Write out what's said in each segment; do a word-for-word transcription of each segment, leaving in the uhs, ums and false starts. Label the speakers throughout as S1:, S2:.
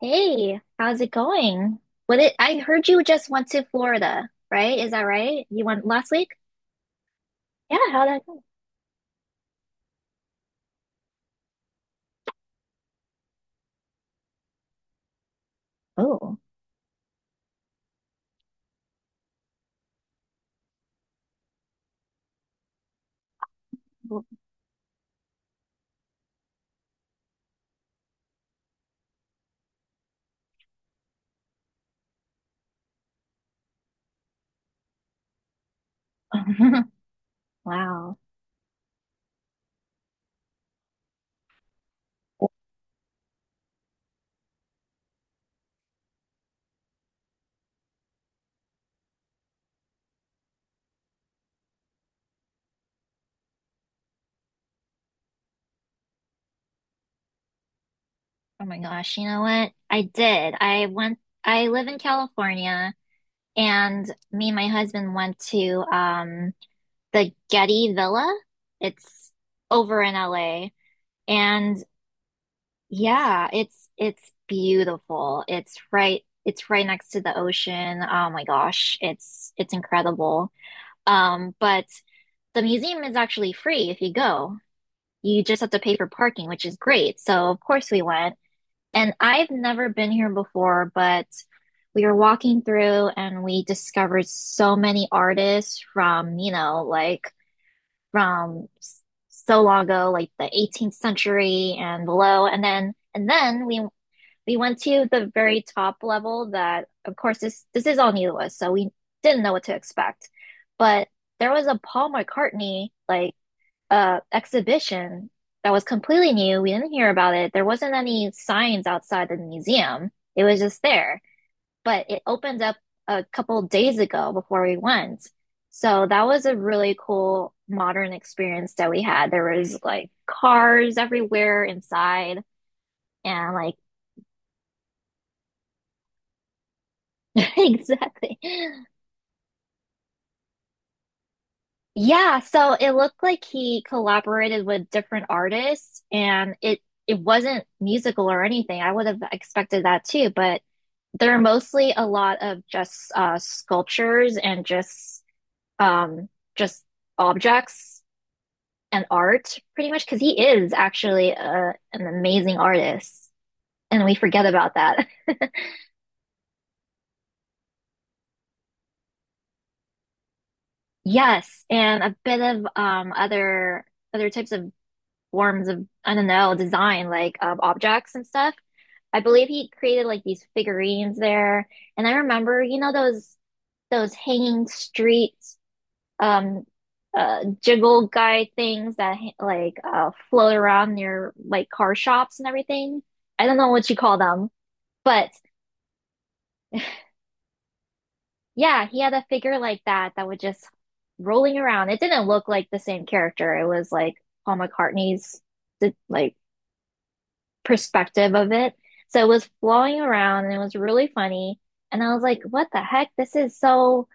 S1: Hey, how's it going? What it, I heard you just went to Florida, right? Is that right? You went last week? Yeah, how'd that go? Oh. Well. Wow. Oh my gosh, you know what? I did. I went, I live in California, and me and my husband went to um the Getty Villa. It's over in L A. And yeah, it's it's beautiful. It's right it's right next to the ocean. Oh my gosh, it's it's incredible. Um, but the museum is actually free if you go. You just have to pay for parking, which is great. So of course we went. And I've never been here before, but we were walking through and we discovered so many artists from, you know, like from s- so long ago, like the eighteenth century and below. And then and then we we went to the very top level that of course this this is all new to us, so we didn't know what to expect. But there was a Paul McCartney like uh exhibition that was completely new. We didn't hear about it. There wasn't any signs outside the museum. It was just there. But it opened up a couple of days ago before we went. So that was a really cool modern experience that we had. There was like cars everywhere inside and like exactly. Yeah, so it looked like he collaborated with different artists and it it wasn't musical or anything. I would have expected that too, but they're mostly a lot of just uh sculptures and just um just objects and art, pretty much, because he is actually uh an amazing artist and we forget about that. Yes, and a bit of um other other types of forms of, I don't know, design, like um, objects and stuff. I believe he created like these figurines there. And I remember, you know, those those hanging streets, um, uh, jiggle guy things that like uh float around near like car shops and everything. I don't know what you call them, but yeah, he had a figure like that that would just rolling around. It didn't look like the same character. It was like Paul McCartney's, the- like perspective of it. So it was flowing around and it was really funny. And I was like, what the heck? This is so,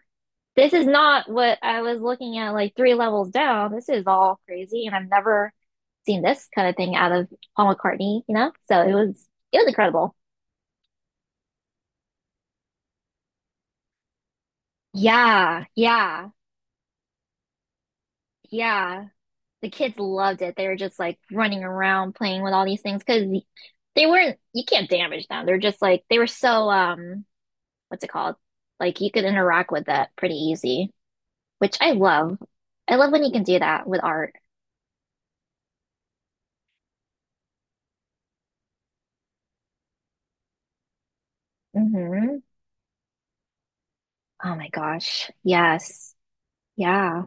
S1: this is not what I was looking at like three levels down. This is all crazy. And I've never seen this kind of thing out of Paul McCartney, you know? So it was, it was incredible. Yeah, yeah, yeah. The kids loved it. They were just like running around playing with all these things because they weren't, you can't damage them. They're just like, they were so, um, what's it called? Like you could interact with it pretty easy, which I love. I love when you can do that with art. Hmm. Oh my gosh, yes. Yeah.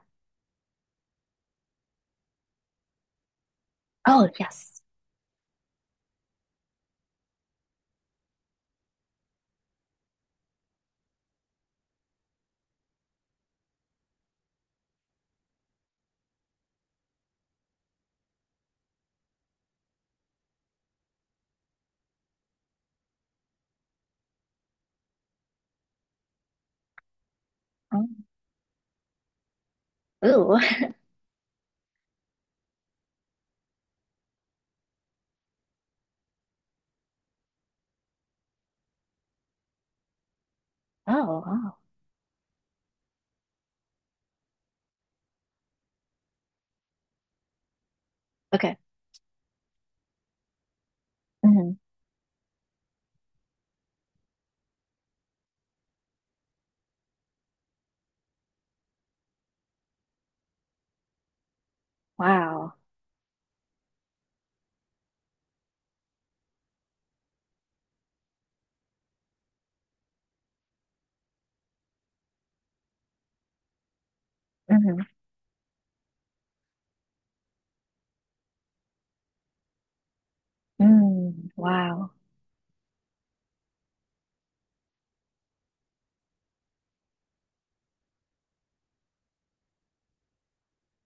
S1: Oh, yes. Oh. Ooh. Oh, wow. Okay. Hmm. Wow. Hmm. Mm, wow.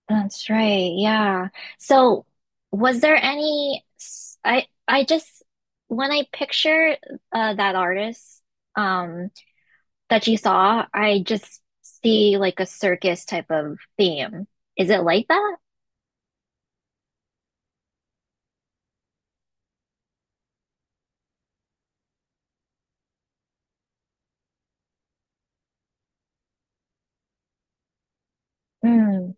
S1: That's right. Yeah. So was there any s- I I just when I picture uh, that artist, um that you saw, I just see like a circus type of theme. Is it like that? Mm.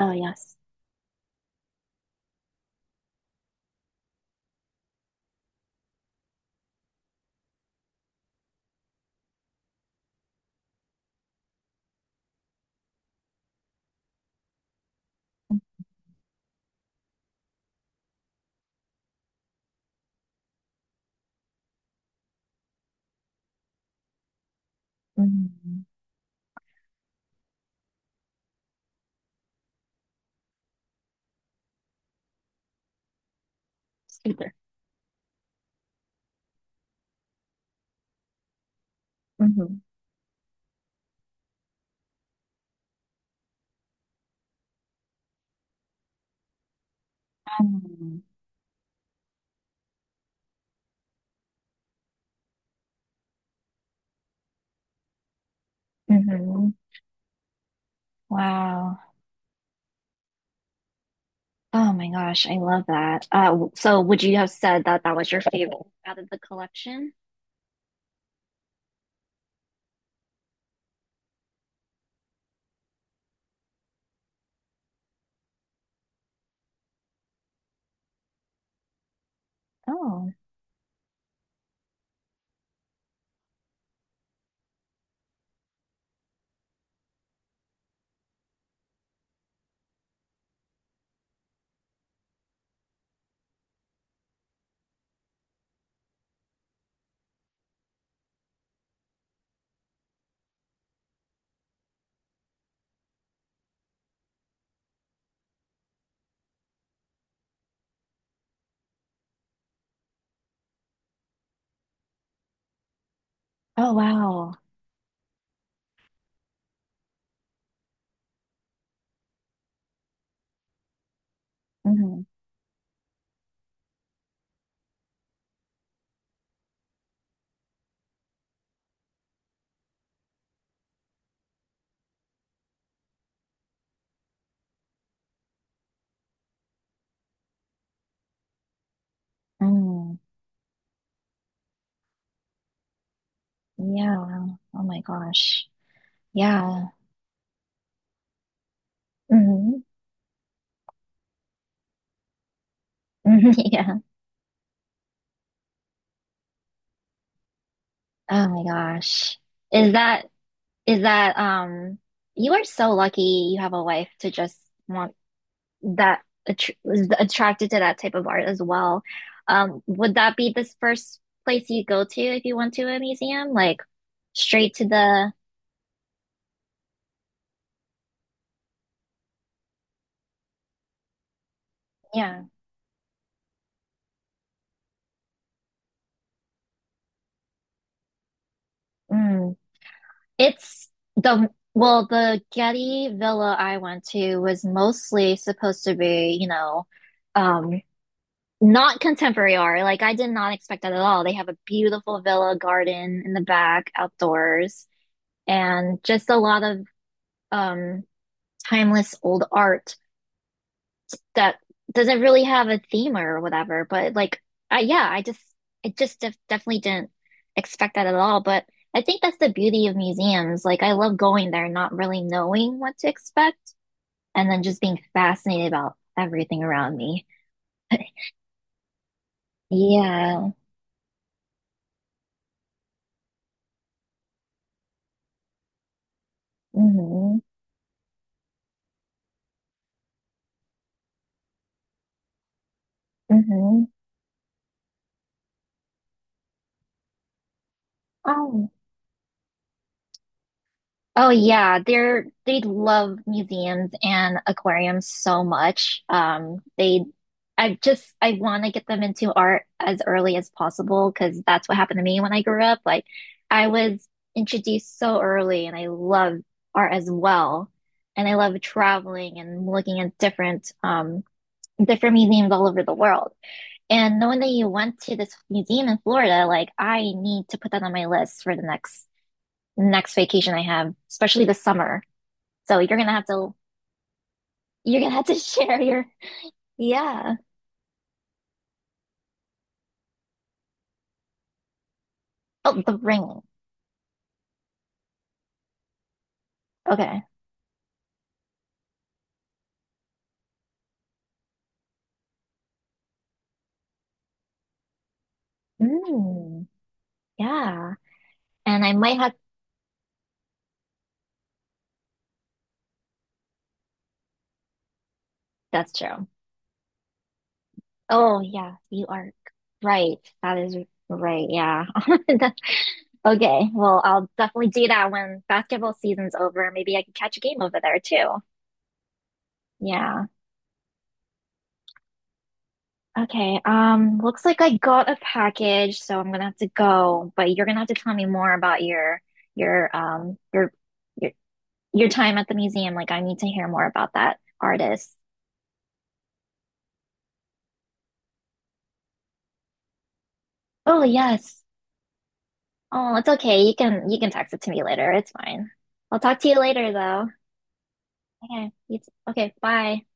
S1: Oh, yes. Mm. Super. Hmm. Mm. Hmm. Wow. Oh my gosh, I love that. Uh, w- so would you have said that that was your favorite out of the collection? Oh. Oh, wow. Mm-hmm. Mm, yeah. Oh my gosh. Yeah. Hmm. Yeah. Oh my gosh. Is that is that um you are so lucky you have a wife to just want that attr is attracted to that type of art as well. Um, would that be this first place you go to if you went to a museum? Like straight to the yeah. It's the, well, the Getty Villa I went to was mostly supposed to be, you know, um, not contemporary art. Like I did not expect that at all. They have a beautiful villa garden in the back, outdoors, and just a lot of um timeless old art that doesn't really have a theme or whatever. But like, I, yeah, I just I just def definitely didn't expect that at all. But I think that's the beauty of museums. Like, I love going there, not really knowing what to expect, and then just being fascinated about everything around me. Yeah. Mm-hmm. Mm-hmm. Oh. Oh yeah, they're they love museums and aquariums so much. Um, they, I just I want to get them into art as early as possible because that's what happened to me when I grew up. Like, I was introduced so early, and I love art as well, and I love traveling and looking at different um different museums all over the world. And knowing that you went to this museum in Florida, like I need to put that on my list for the next next vacation I have, especially the summer. So you're gonna have to you're gonna have to share your yeah. Oh, the ring. Okay. Mm, yeah. And I might have that's true. Oh yeah, you are right. That is right. Yeah. That. Okay. Well, I'll definitely do that when basketball season's over. Maybe I can catch a game over there too. Yeah. Okay. Um, looks like I got a package, so I'm gonna have to go, but you're gonna have to tell me more about your your um your your time at the museum. Like, I need to hear more about that artist. Oh, yes. Oh, it's okay. You can you can text it to me later. It's fine. I'll talk to you later though. Okay. You Okay, bye.